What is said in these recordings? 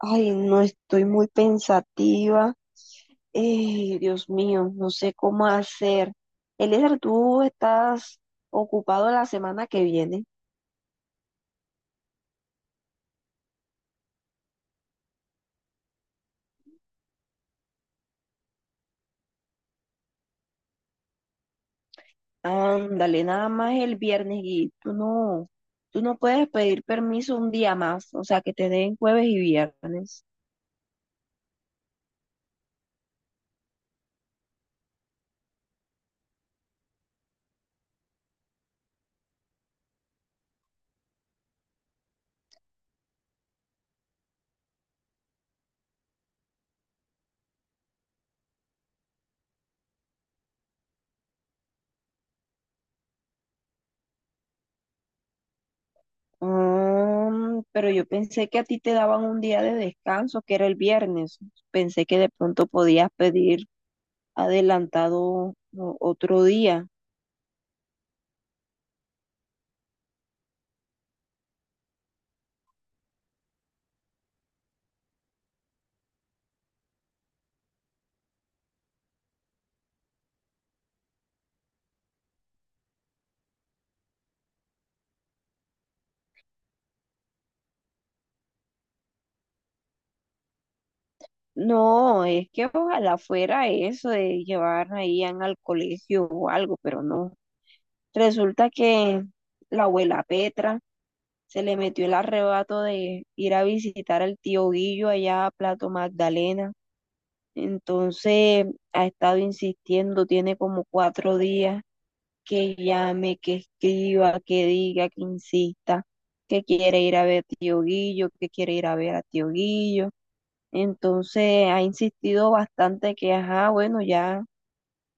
Ay, no estoy muy pensativa. Dios mío, no sé cómo hacer. Eliezer, tú estás ocupado la semana que viene. Ándale, nada más el viernes y tú no puedes pedir permiso un día más, o sea, que te den jueves y viernes. Mm, pero yo pensé que a ti te daban un día de descanso, que era el viernes. Pensé que de pronto podías pedir adelantado otro día. No, es que ojalá fuera eso de llevar a Ian al colegio o algo, pero no. Resulta que la abuela Petra se le metió el arrebato de ir a visitar al tío Guillo allá a Plato Magdalena. Entonces ha estado insistiendo, tiene como 4 días que llame, que escriba, que diga, que insista, que quiere ir a ver a tío Guillo, que quiere ir a ver a tío Guillo. Entonces ha insistido bastante que, ajá, bueno, ya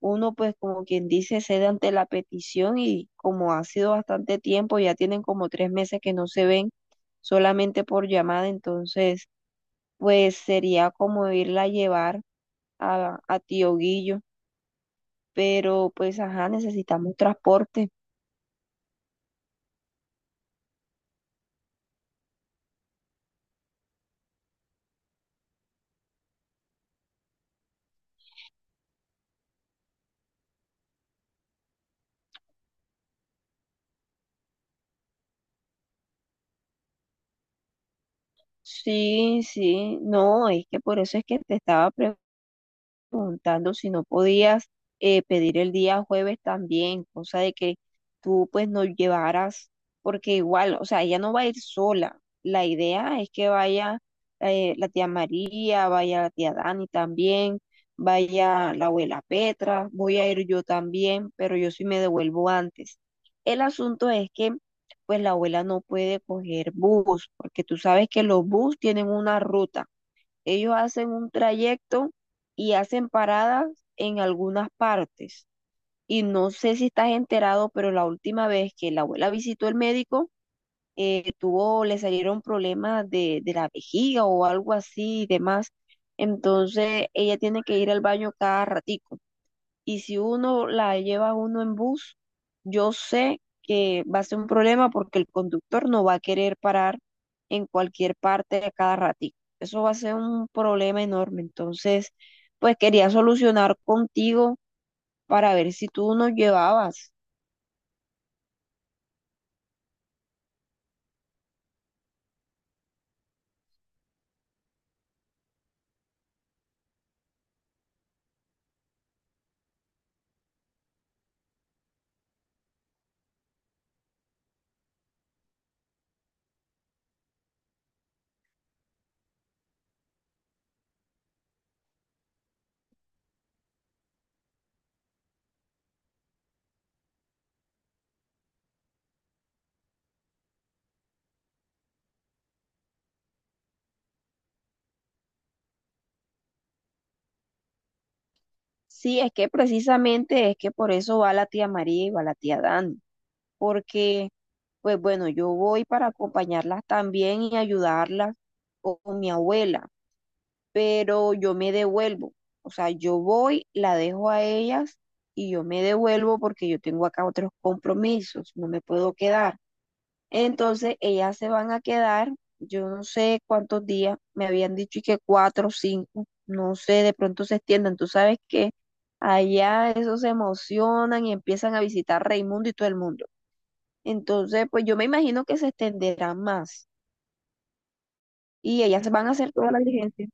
uno pues como quien dice cede ante la petición y como ha sido bastante tiempo, ya tienen como 3 meses que no se ven solamente por llamada, entonces pues sería como irla a llevar a Tío Guillo, pero pues ajá, necesitamos transporte. Sí, sí, no, es que por eso es que te estaba preguntando si no podías pedir el día jueves también, cosa de que tú pues nos llevaras, porque igual, o sea, ella no va a ir sola. La idea es que vaya la tía María, vaya la tía Dani también, vaya la abuela Petra, voy a ir yo también, pero yo sí me devuelvo antes. El asunto es que pues la abuela no puede coger bus, porque tú sabes que los bus tienen una ruta. Ellos hacen un trayecto y hacen paradas en algunas partes. Y no sé si estás enterado, pero la última vez que la abuela visitó el médico, tuvo, le salieron problemas de la vejiga o algo así y demás. Entonces ella tiene que ir al baño cada ratico y si uno la lleva uno en bus, yo sé que va a ser un problema porque el conductor no va a querer parar en cualquier parte a cada ratito. Eso va a ser un problema enorme. Entonces, pues quería solucionar contigo para ver si tú nos llevabas. Sí, es que precisamente es que por eso va la tía María y va la tía Dani, porque pues bueno, yo voy para acompañarlas también y ayudarlas con mi abuela pero yo me devuelvo. O sea, yo voy, la dejo a ellas y yo me devuelvo porque yo tengo acá otros compromisos, no me puedo quedar. Entonces, ellas se van a quedar, yo no sé cuántos días, me habían dicho y que 4 o 5, no sé, de pronto se extiendan. Tú sabes que allá esos se emocionan y empiezan a visitar Raimundo y todo el mundo. Entonces, pues yo me imagino que se extenderán más y ellas van a hacer toda la diligencia.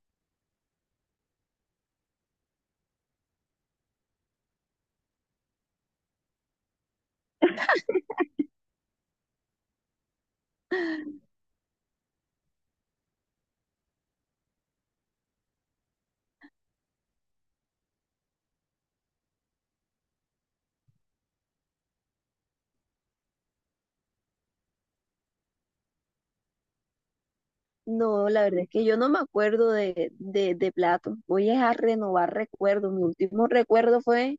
No, la verdad es que yo no me acuerdo de platos. Voy a renovar recuerdos. Mi último recuerdo fue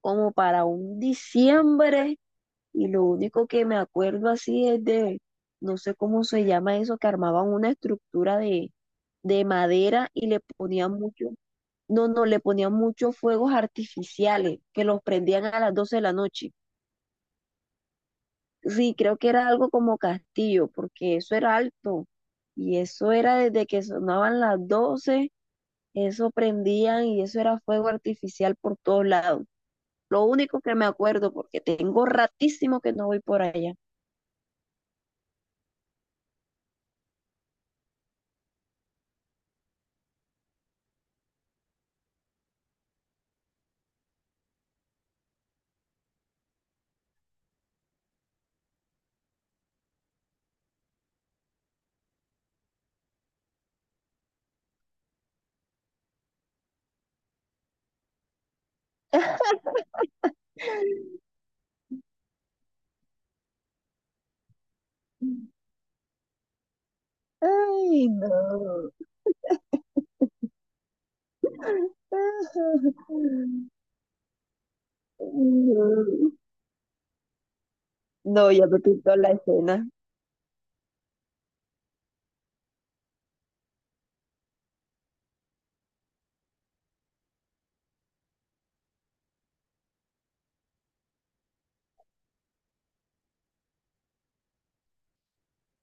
como para un diciembre y lo único que me acuerdo así es de, no sé cómo se llama eso, que armaban una estructura de madera y le ponían mucho, no, no, le ponían muchos fuegos artificiales que los prendían a las 12 de la noche. Sí, creo que era algo como castillo, porque eso era alto y eso era desde que sonaban las 12. Eso prendían y eso era fuego artificial por todos lados. Lo único que me acuerdo, porque tengo ratísimo que no voy por allá. Ay, no. No, ya me pintó la escena.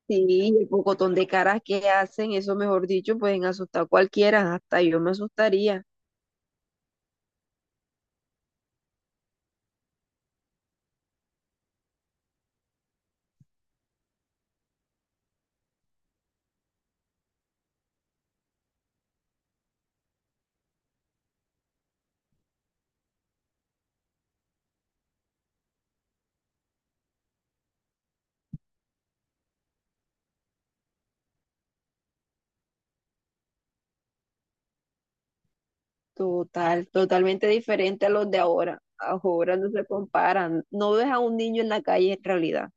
Sí, el pocotón de caras que hacen, eso mejor dicho, pueden asustar a cualquiera, hasta yo me asustaría. Total, totalmente diferente a los de ahora. Ahora no se comparan. No ves a un niño en la calle en realidad.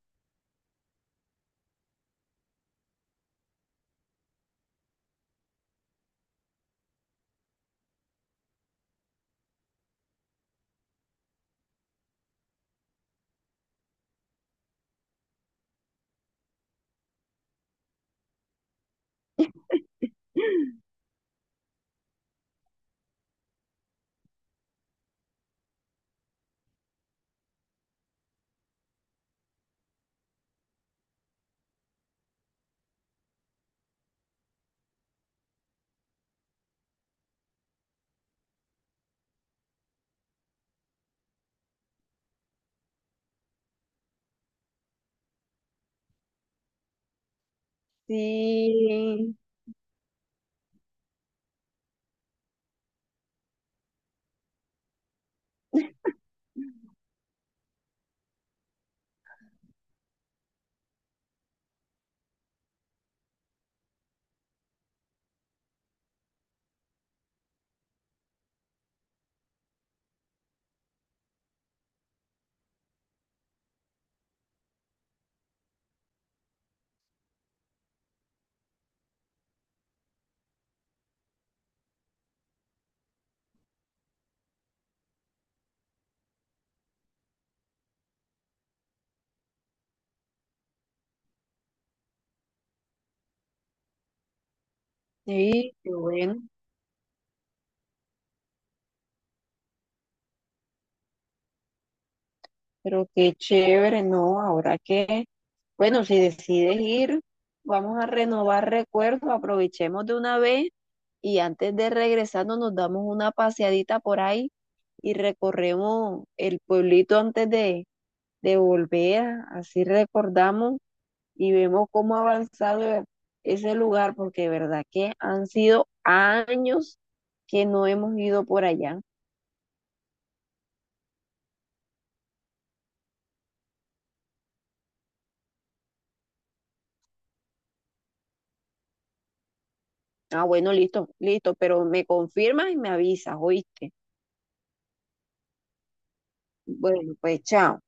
Sí, sí, qué bueno, pero qué chévere, ¿no? Ahora que, bueno, si decides ir, vamos a renovar recuerdos, aprovechemos de una vez y antes de regresarnos nos damos una paseadita por ahí y recorremos el pueblito antes de volver, así recordamos y vemos cómo ha avanzado ese lugar, porque de verdad que han sido años que no hemos ido por allá. Ah, bueno, listo, listo, pero me confirmas y me avisas, ¿oíste? Bueno, pues chao.